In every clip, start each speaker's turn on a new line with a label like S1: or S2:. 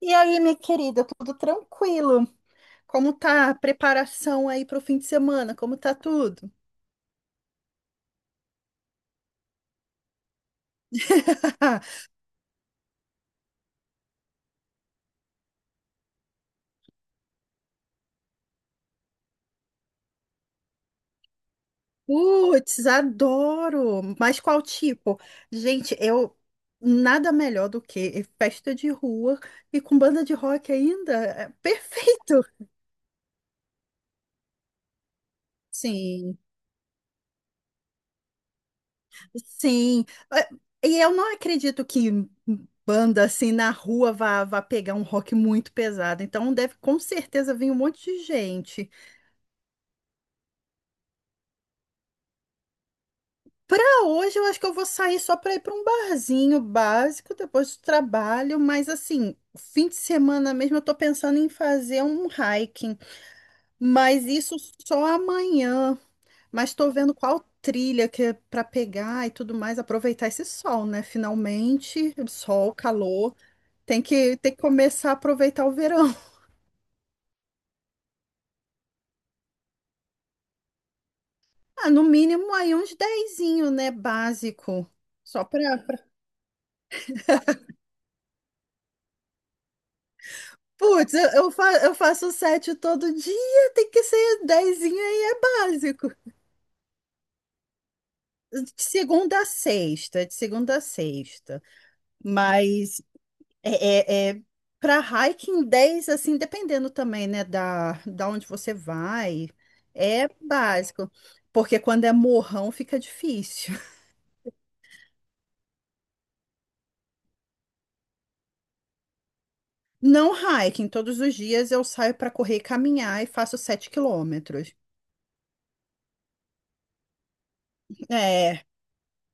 S1: E aí, minha querida, tudo tranquilo? Como tá a preparação aí para o fim de semana? Como tá tudo? Putz, adoro! Mas qual tipo? Gente, eu nada melhor do que festa de rua e com banda de rock ainda. É perfeito! Sim, sim. É, E eu não acredito que banda assim na rua vá pegar um rock muito pesado. Então deve com certeza vir um monte de gente. Pra hoje, eu acho que eu vou sair só pra ir pra um barzinho básico depois do trabalho, mas assim, fim de semana mesmo eu tô pensando em fazer um hiking, mas isso só amanhã. Mas tô vendo qual trilha que é pra pegar e tudo mais, aproveitar esse sol, né? Finalmente, sol, calor. Tem que começar a aproveitar o verão. Ah, no mínimo aí uns dezinho, né? Básico. Só pra. Putz, eu faço 7 todo dia, tem que ser dezinho aí, é básico. De segunda a sexta, de segunda a sexta. Mas é, é, é para hiking 10 assim, dependendo também, né, da onde você vai, é básico. Porque quando é morrão fica difícil. Não hiking, todos os dias eu saio para correr e caminhar e faço 7 quilômetros. É.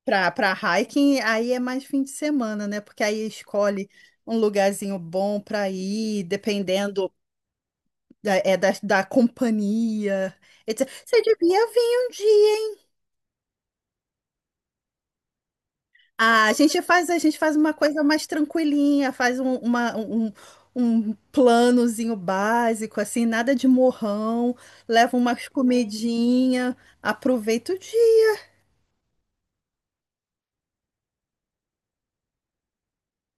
S1: Pra hiking, aí é mais fim de semana, né? Porque aí escolhe um lugarzinho bom pra ir, dependendo da companhia, etc. Você devia vir um dia. Ah, a gente faz uma coisa mais tranquilinha, faz um planozinho básico, assim, nada de morrão, leva umas comidinha, aproveita o dia.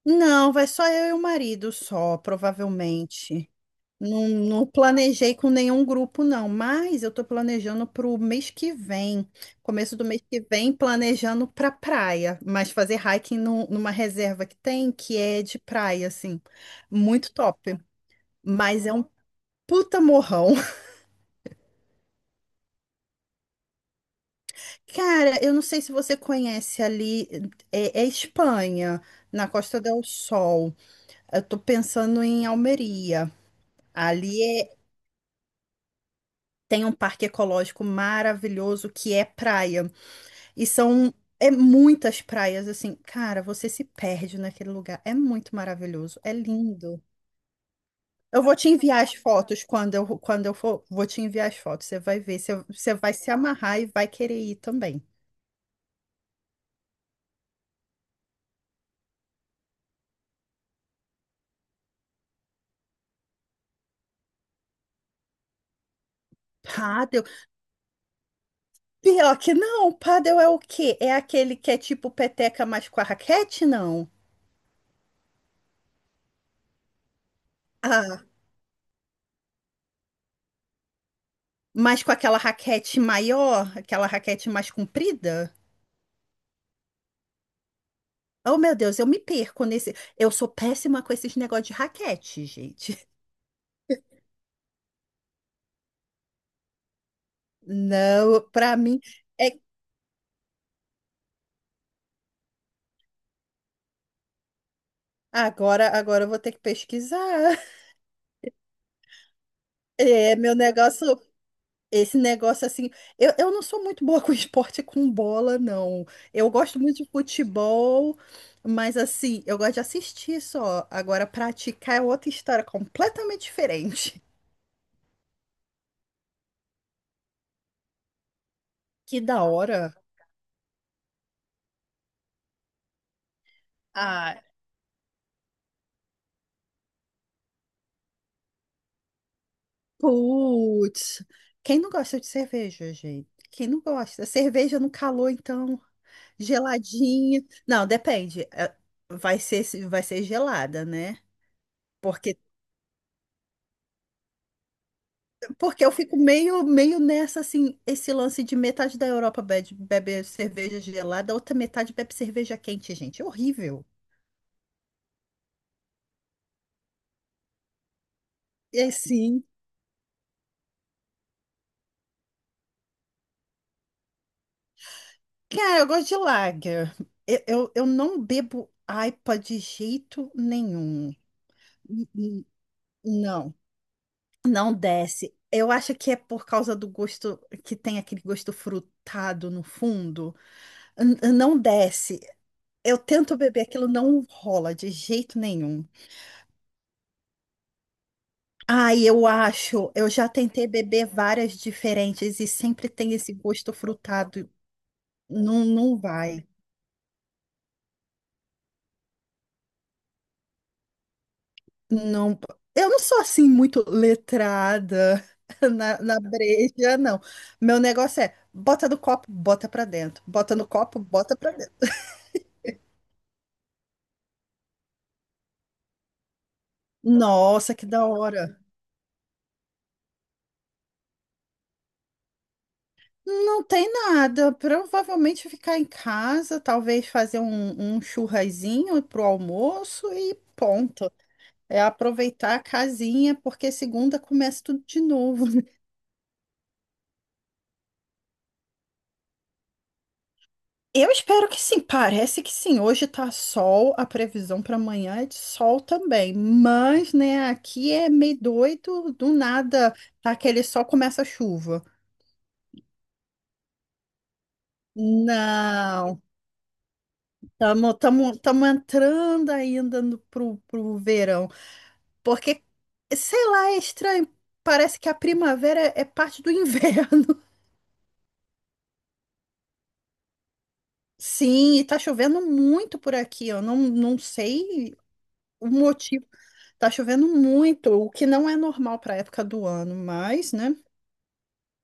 S1: Não, vai só eu e o marido, só, provavelmente. Não, não planejei com nenhum grupo, não, mas eu tô planejando para o mês que vem, começo do mês que vem, planejando para praia, mas fazer hiking numa reserva que tem, que é de praia, assim, muito top, mas é um puta morrão. Cara, eu não sei se você conhece ali, é Espanha, na Costa del Sol, eu tô pensando em Almeria, ali é- tem um parque ecológico maravilhoso que é praia. E são é muitas praias assim, cara, você se perde naquele lugar. É muito maravilhoso, é lindo. Eu vou te enviar as fotos quando eu for, vou te enviar as fotos. Você vai ver, você vai se amarrar e vai querer ir também. Paddle? Pior que não, paddle é o quê? É aquele que é tipo peteca, mas com a raquete, não? Ah, mas com aquela raquete maior, aquela raquete mais comprida? Oh, meu Deus, eu me perco nesse. Eu sou péssima com esses negócios de raquete, gente. Não, para mim é agora, agora eu vou ter que pesquisar. É, meu negócio, esse negócio assim, eu não sou muito boa com esporte com bola, não. Eu gosto muito de futebol, mas assim, eu gosto de assistir só. Agora praticar é outra história completamente diferente. Que da hora. Ah, putz. Quem não gosta de cerveja, gente? Quem não gosta? Cerveja no calor, então. Geladinho. Não, depende. Vai ser gelada, né? Porque, porque eu fico meio nessa, assim, esse lance de metade da Europa bebe, bebe cerveja gelada, a outra metade bebe cerveja quente, gente. É horrível. É sim. Cara, eu gosto de lager. Eu não bebo IPA de jeito nenhum. N- n- Não, não desce. Eu acho que é por causa do gosto que tem aquele gosto frutado no fundo. Não desce. Eu tento beber aquilo, não rola de jeito nenhum. Ai, eu acho, eu já tentei beber várias diferentes e sempre tem esse gosto frutado. Não, não vai. Não, eu não sou assim muito letrada na breja, não. Meu negócio é bota no copo, bota pra dentro. Bota no copo, bota pra dentro. Nossa, que da hora. Não tem nada. Provavelmente ficar em casa, talvez fazer um churrasinho pro almoço e ponto. É aproveitar a casinha, porque segunda começa tudo de novo. Eu espero que sim, parece que sim. Hoje tá sol, a previsão para amanhã é de sol também. Mas, né, aqui é meio doido, do nada, tá aquele sol começa a chuva. Não, estamos entrando ainda no, pro, pro verão. Porque, sei lá, é estranho. Parece que a primavera é parte do inverno. Sim, e tá chovendo muito por aqui. Eu não, não sei o motivo. Tá chovendo muito, o que não é normal para época do ano, mas, né?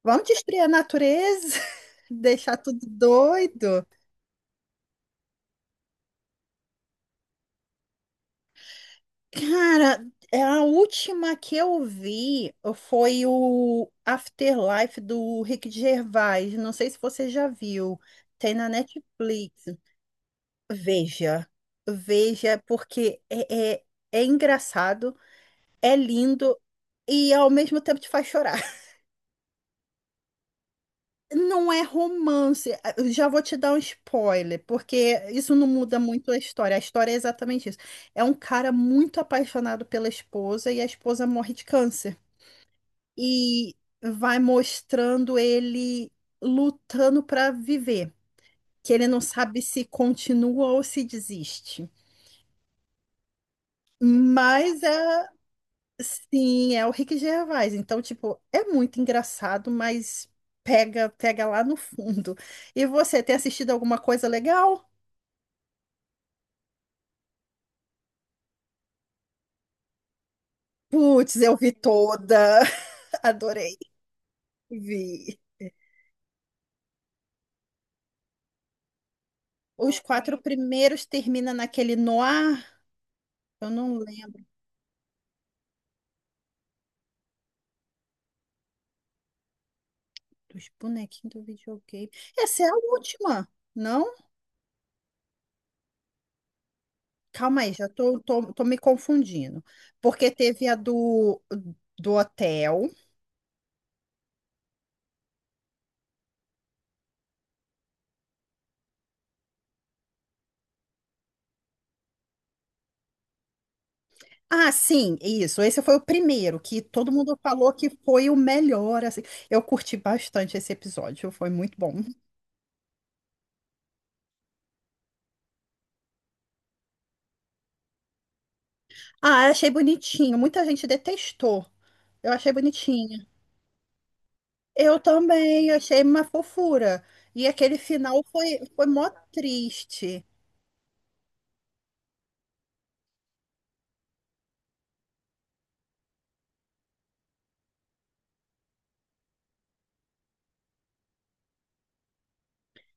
S1: Vamos destruir a natureza, deixar tudo doido. Cara, é a última que eu vi foi o Afterlife do Rick Gervais. Não sei se você já viu. Tem na Netflix. Veja, veja, porque é engraçado, é lindo e ao mesmo tempo te faz chorar. Não é romance. Ah, eu já vou te dar um spoiler, porque isso não muda muito a história. A história é exatamente isso. É um cara muito apaixonado pela esposa e a esposa morre de câncer. E vai mostrando ele lutando para viver, que ele não sabe se continua ou se desiste. Mas é. Sim, é o Rick Gervais. Então, tipo, é muito engraçado, mas pega lá no fundo. E você, tem assistido alguma coisa legal? Putz, eu vi toda. Adorei. Vi. Os quatro primeiros termina naquele noir. Eu não lembro dos bonequinhos do videogame. Essa é a última, não? Calma aí, já tô me confundindo. Porque teve do hotel. Ah, sim, isso. Esse foi o primeiro que todo mundo falou que foi o melhor, assim. Eu curti bastante esse episódio, foi muito bom. Ah, eu achei bonitinho. Muita gente detestou. Eu achei bonitinho. Eu também achei uma fofura. E aquele final foi mó triste.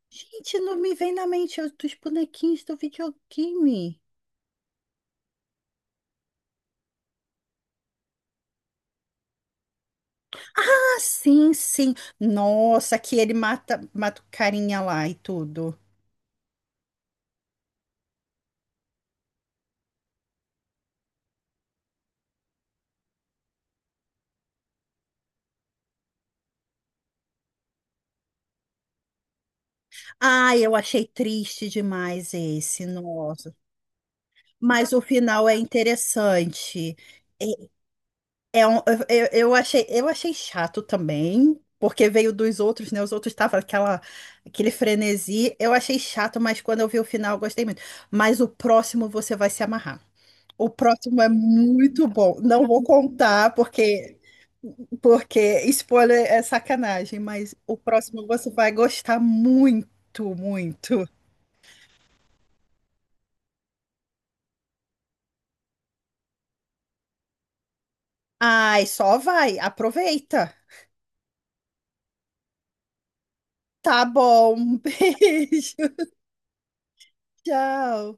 S1: Gente, não me vem na mente os dos bonequinhos do videogame. Ah, sim, sim. Nossa, que ele mata o carinha lá e tudo. Ai, eu achei triste demais esse, nossa. Mas o final é interessante. É, é um- eu achei chato também, porque veio dos outros, né? Os outros estavam aquela, aquele frenesi. Eu achei chato, mas quando eu vi o final, eu gostei muito. Mas o próximo você vai se amarrar. O próximo é muito bom. Não vou contar, porque spoiler é sacanagem, mas o próximo você vai gostar muito, muito. Ai, só vai, aproveita. Tá bom, beijo, tchau.